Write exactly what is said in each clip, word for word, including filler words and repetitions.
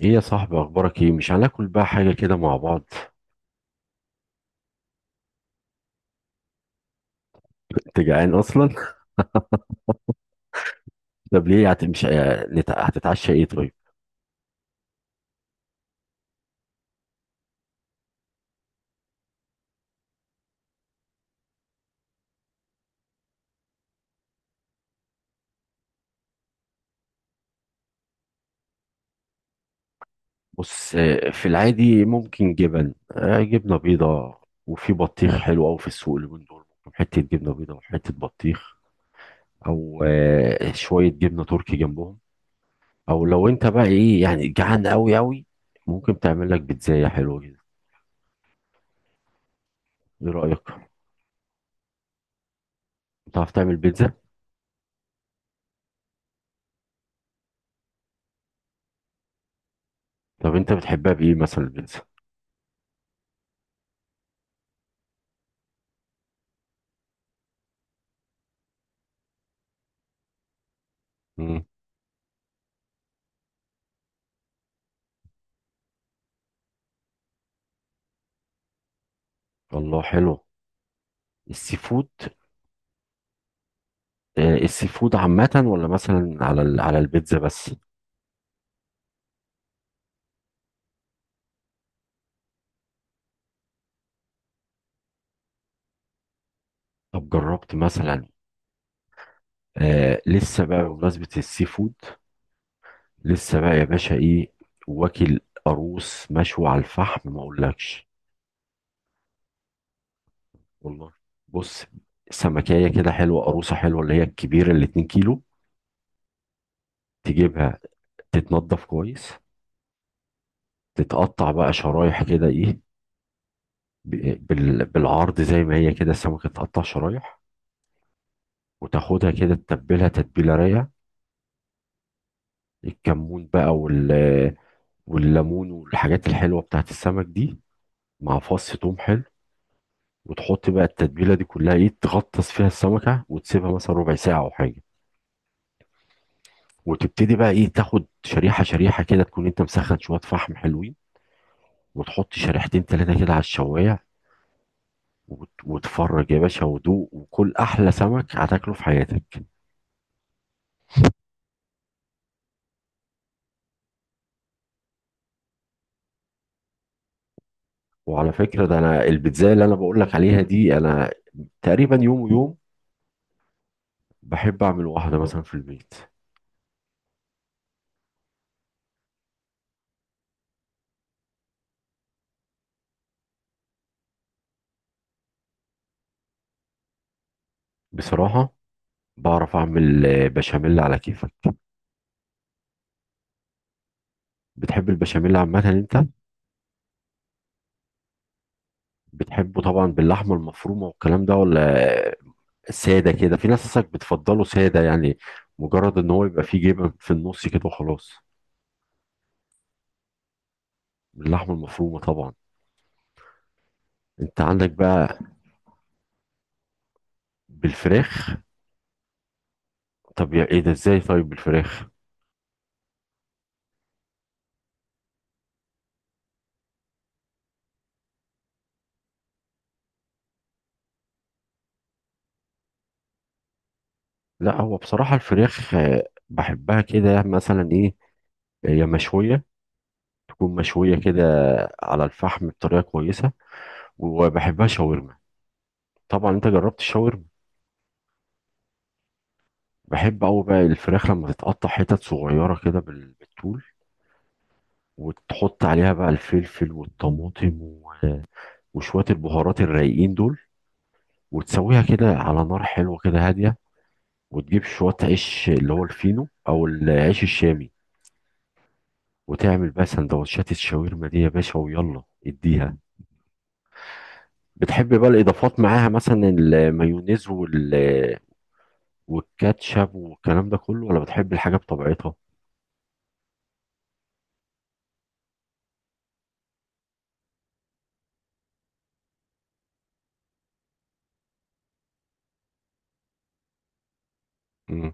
ايه يا صاحبي، اخبارك ايه؟ مش هناكل بقى حاجه كده مع بعض؟ كنت جعان اصلا. طب ليه هت... مش آه، نت- هتتعشى ايه طيب؟ بص، آه، في العادي ممكن جبن، آه، جبنه بيضاء. وفي بطيخ حلو قوي في السوق اليومين دول، ممكن حته جبنه بيضاء وحته بطيخ، او آه، شويه جبنه تركي جنبهم. او لو انت بقى ايه يعني جعان قوي قوي، ممكن تعمل لك بيتزايه حلوه كده. ايه رايك؟ بتعرف تعمل بيتزا؟ طب انت بتحبها بايه مثلا البيتزا؟ مم. الله، حلو. السي فود. آه، السي فود عامة، ولا مثلا على ال- على البيتزا بس؟ طب جربت مثلا؟ آه، لسه بقى بمناسبة السي فود. لسه بقى يا باشا ايه؟ واكل قاروص مشوي على الفحم ما اقولكش. والله. بص، سمكية كده حلوة، قاروصة حلوة اللي هي الكبيرة اللي 2 كيلو، تجيبها، تتنضف كويس، تتقطع بقى شرايح كده ايه، ب- بال- بالعرض زي ما هي كده السمكة تتقطع شرايح. وتاخدها كده تتبلها تتبيلة رايقة، الكمون بقى والليمون والحاجات الحلوه بتاعت السمك دي، مع فص توم حلو. وتحط بقى التتبيله دي كلها ايه، تغطس فيها السمكه وتسيبها مثلا ربع ساعه او حاجه. وتبتدي بقى ايه، تاخد شريحه شريحه كده، تكون انت مسخن شويه فحم حلوين، وتحط شريحتين ثلاثه كده على الشوايه، وت- وتفرج يا باشا ودوق، وكل احلى سمك هتاكله في حياتك. وعلى فكره، ده انا البيتزا اللي انا بقول لك عليها دي، انا تقريبا يوم ويوم بحب اعمل واحده مثلا في البيت. بصراحه بعرف اعمل آه، بشاميل على كيفك. بتحب البشاميل عامة انت؟ بتحبه طبعا باللحمة المفرومة والكلام ده، ولا سادة كده؟ في ناس اصلا بتفضله سادة يعني، مجرد ان هو يبقى فيه جبن في النص كده وخلاص. باللحمة المفرومة طبعا. انت عندك بقى؟ بالفراخ؟ طب يا ايه ده ازاي طيب بالفراخ؟ لا هو بصراحة الفراخ آه، بحبها كده مثلا ايه، هي مشوية، تكون مشوية كده على الفحم بطريقة كويسة. وبحبها شاورما. طبعا انت جربت الشاورما. بحب أوي بقى الفراخ لما تتقطع حتت صغيرة كده بال- بالطول، وتحط عليها بقى الفلفل والطماطم و- وشوية البهارات الرايقين دول، وتسويها كده على نار حلوة كده هادية، وتجيب شوية عيش اللي هو الفينو أو العيش الشامي. وتعمل بقى سندوتشات الشاورما دي يا باشا، ويلا اديها. بتحب بقى الإضافات معاها مثلا المايونيز وال والكاتشب والكلام ده كله، ولا بتحب الحاجة بطبيعتها؟ مم.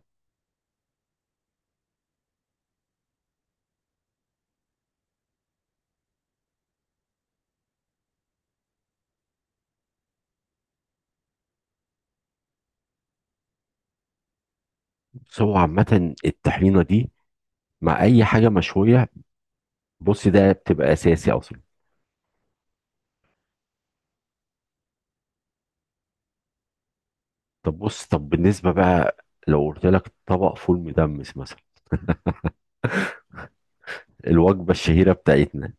بس هو عامة الطحينة دي مع اي حاجه مشويه، بص ده بتبقى اساسي اصلا. طب بص، طب بالنسبه بقى، لو قلت لك طبق فول مدمس مثلا، الوجبه الشهيره بتاعتنا،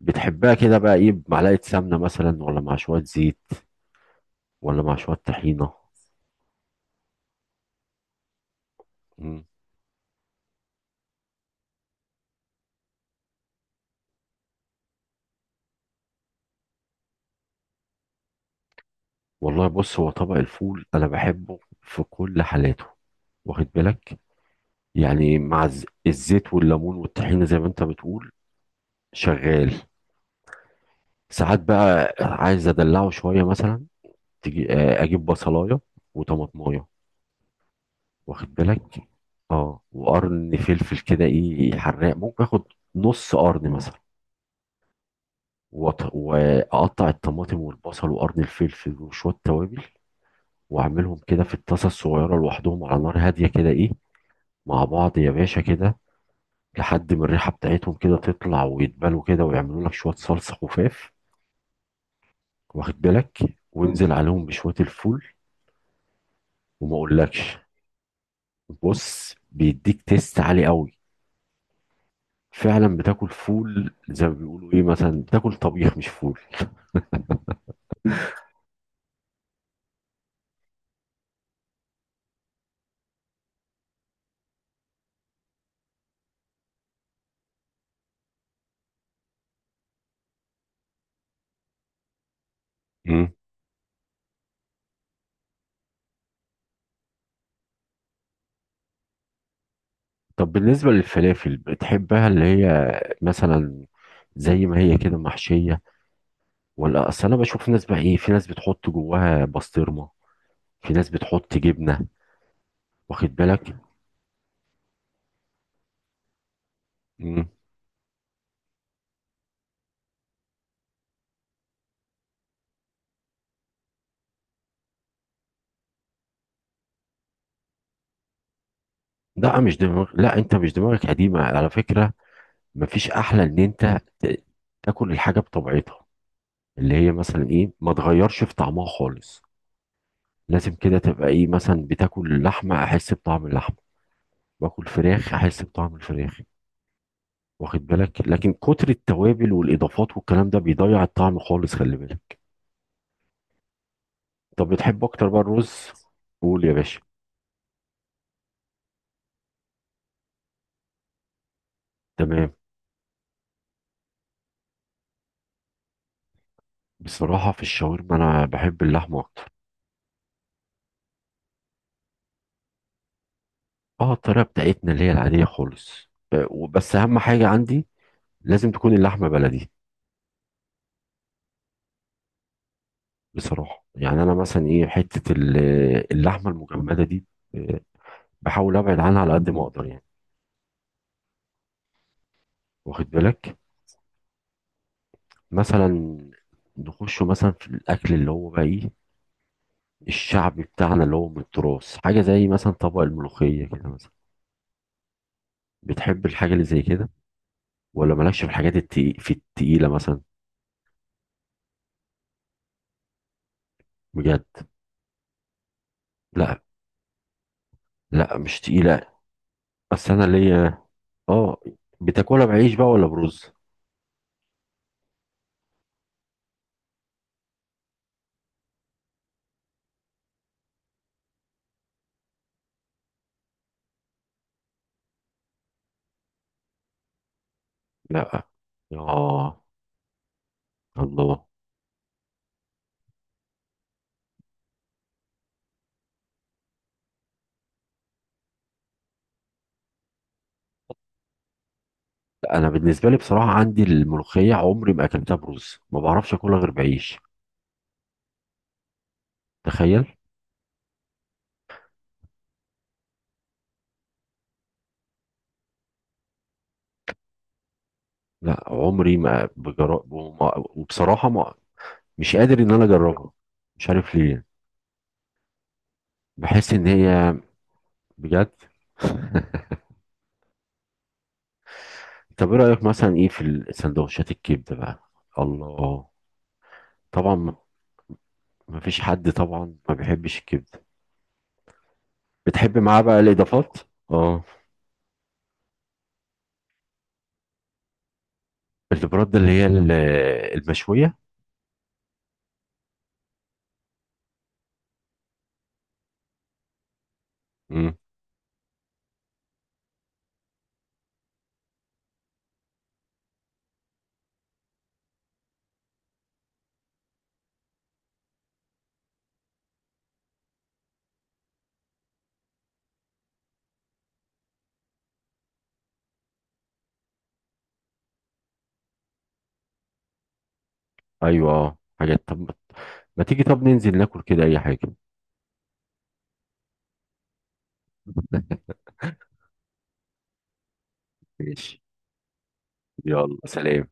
بتحبها كده بقى ايه، بمعلقه سمنه مثلا، ولا مع شويه زيت، ولا مع شويه طحينه؟ مم. والله بص هو طبق الفول انا بحبه في كل حالاته، واخد بالك؟ يعني مع الز- الزيت والليمون والطحينه زي ما انت بتقول. شغال. ساعات بقى عايز ادلعه شويه مثلا، تجي آه، اجيب بصلايه وطماطمايه، واخد بالك؟ اه وقرن فلفل كده ايه حراق، ممكن اخد نص قرن مثلا، وأط- واقطع الطماطم والبصل وقرن الفلفل وشويه توابل، واعملهم كده في الطاسه الصغيره لوحدهم على نار هاديه كده ايه، مع بعض يا باشا كده، لحد ما الريحه بتاعتهم كده تطلع ويتبلوا كده ويعملوا لك شويه صلصه خفاف، واخد بالك؟ وانزل عليهم بشويه الفول، وما اقولكش. بص بيديك تيست عالي قوي. فعلا بتاكل فول زي ما بيقولوا ايه، مثلا بتاكل طبيخ مش فول. مم. طب بالنسبة للفلافل بتحبها اللي هي مثلا زي ما هي كده محشية، ولا؟ أصل أنا بشوف ناس بقى إيه، في ناس بتحط جواها بسطرمة، في ناس بتحط جبنة، واخد بالك؟ مم. لا مش دماغ، لا أنت مش دماغك قديمة على فكرة. مفيش أحلى إن أنت ت- تاكل الحاجة بطبيعتها، اللي هي مثلا إيه، ما تغيرش في طعمها خالص. لازم كده تبقى إيه مثلا، بتاكل اللحمة أحس بطعم اللحمة، باكل فراخ احس بطعم الفراخ، واخد بالك؟ لكن كتر التوابل والاضافات والكلام ده بيضيع الطعم خالص، خلي بالك. طب بتحب اكتر بقى الرز؟ قول يا باشا. تمام. بصراحه في الشاورما انا بحب اللحمه اكتر. اه الطريقه بتاعتنا اللي هي العاديه خالص، آه، وبس اهم حاجه عندي لازم تكون اللحمه بلدي. بصراحه يعني انا مثلا ايه، حته ال- اللحمه المجمده دي، آه، بحاول ابعد عنها على قد ما اقدر يعني، واخد بالك؟ مثلا نخش مثلا في الاكل اللي هو بقى ايه، الشعبي بتاعنا اللي هو من التراث، حاجة زي مثلا طبق الملوخية كده مثلا. بتحب الحاجة اللي زي كده، ولا مالكش في الحاجات التقي... في التقيلة مثلا؟ بجد؟ لا، لا مش تقيلة. أصل أنا ليا، اه. بتاكلها بعيش بقى ولا برز؟ لا. اه. الله. لا، أنا بالنسبة لي بصراحة عندي الملوخية عمري ما أكلتها برز، ما بعرفش أكلها غير بعيش، تخيل. لا عمري ما بجرب، وما- وبصراحة ما مش قادر إن أنا أجربها، مش عارف ليه. بحس إن هي. بجد. طب ايه رأيك مثلا ايه في السندوتشات الكبدة بقى؟ الله. طبعا ما ما فيش حد طبعا ما بيحبش الكبدة. بتحب معاه بقى الإضافات؟ اه. البرد اللي هي ال- المشوية. امم. ايوه اه حاجات. طب ما تيجي طب ننزل ناكل كده اي حاجة. ماشي. يلا سلام.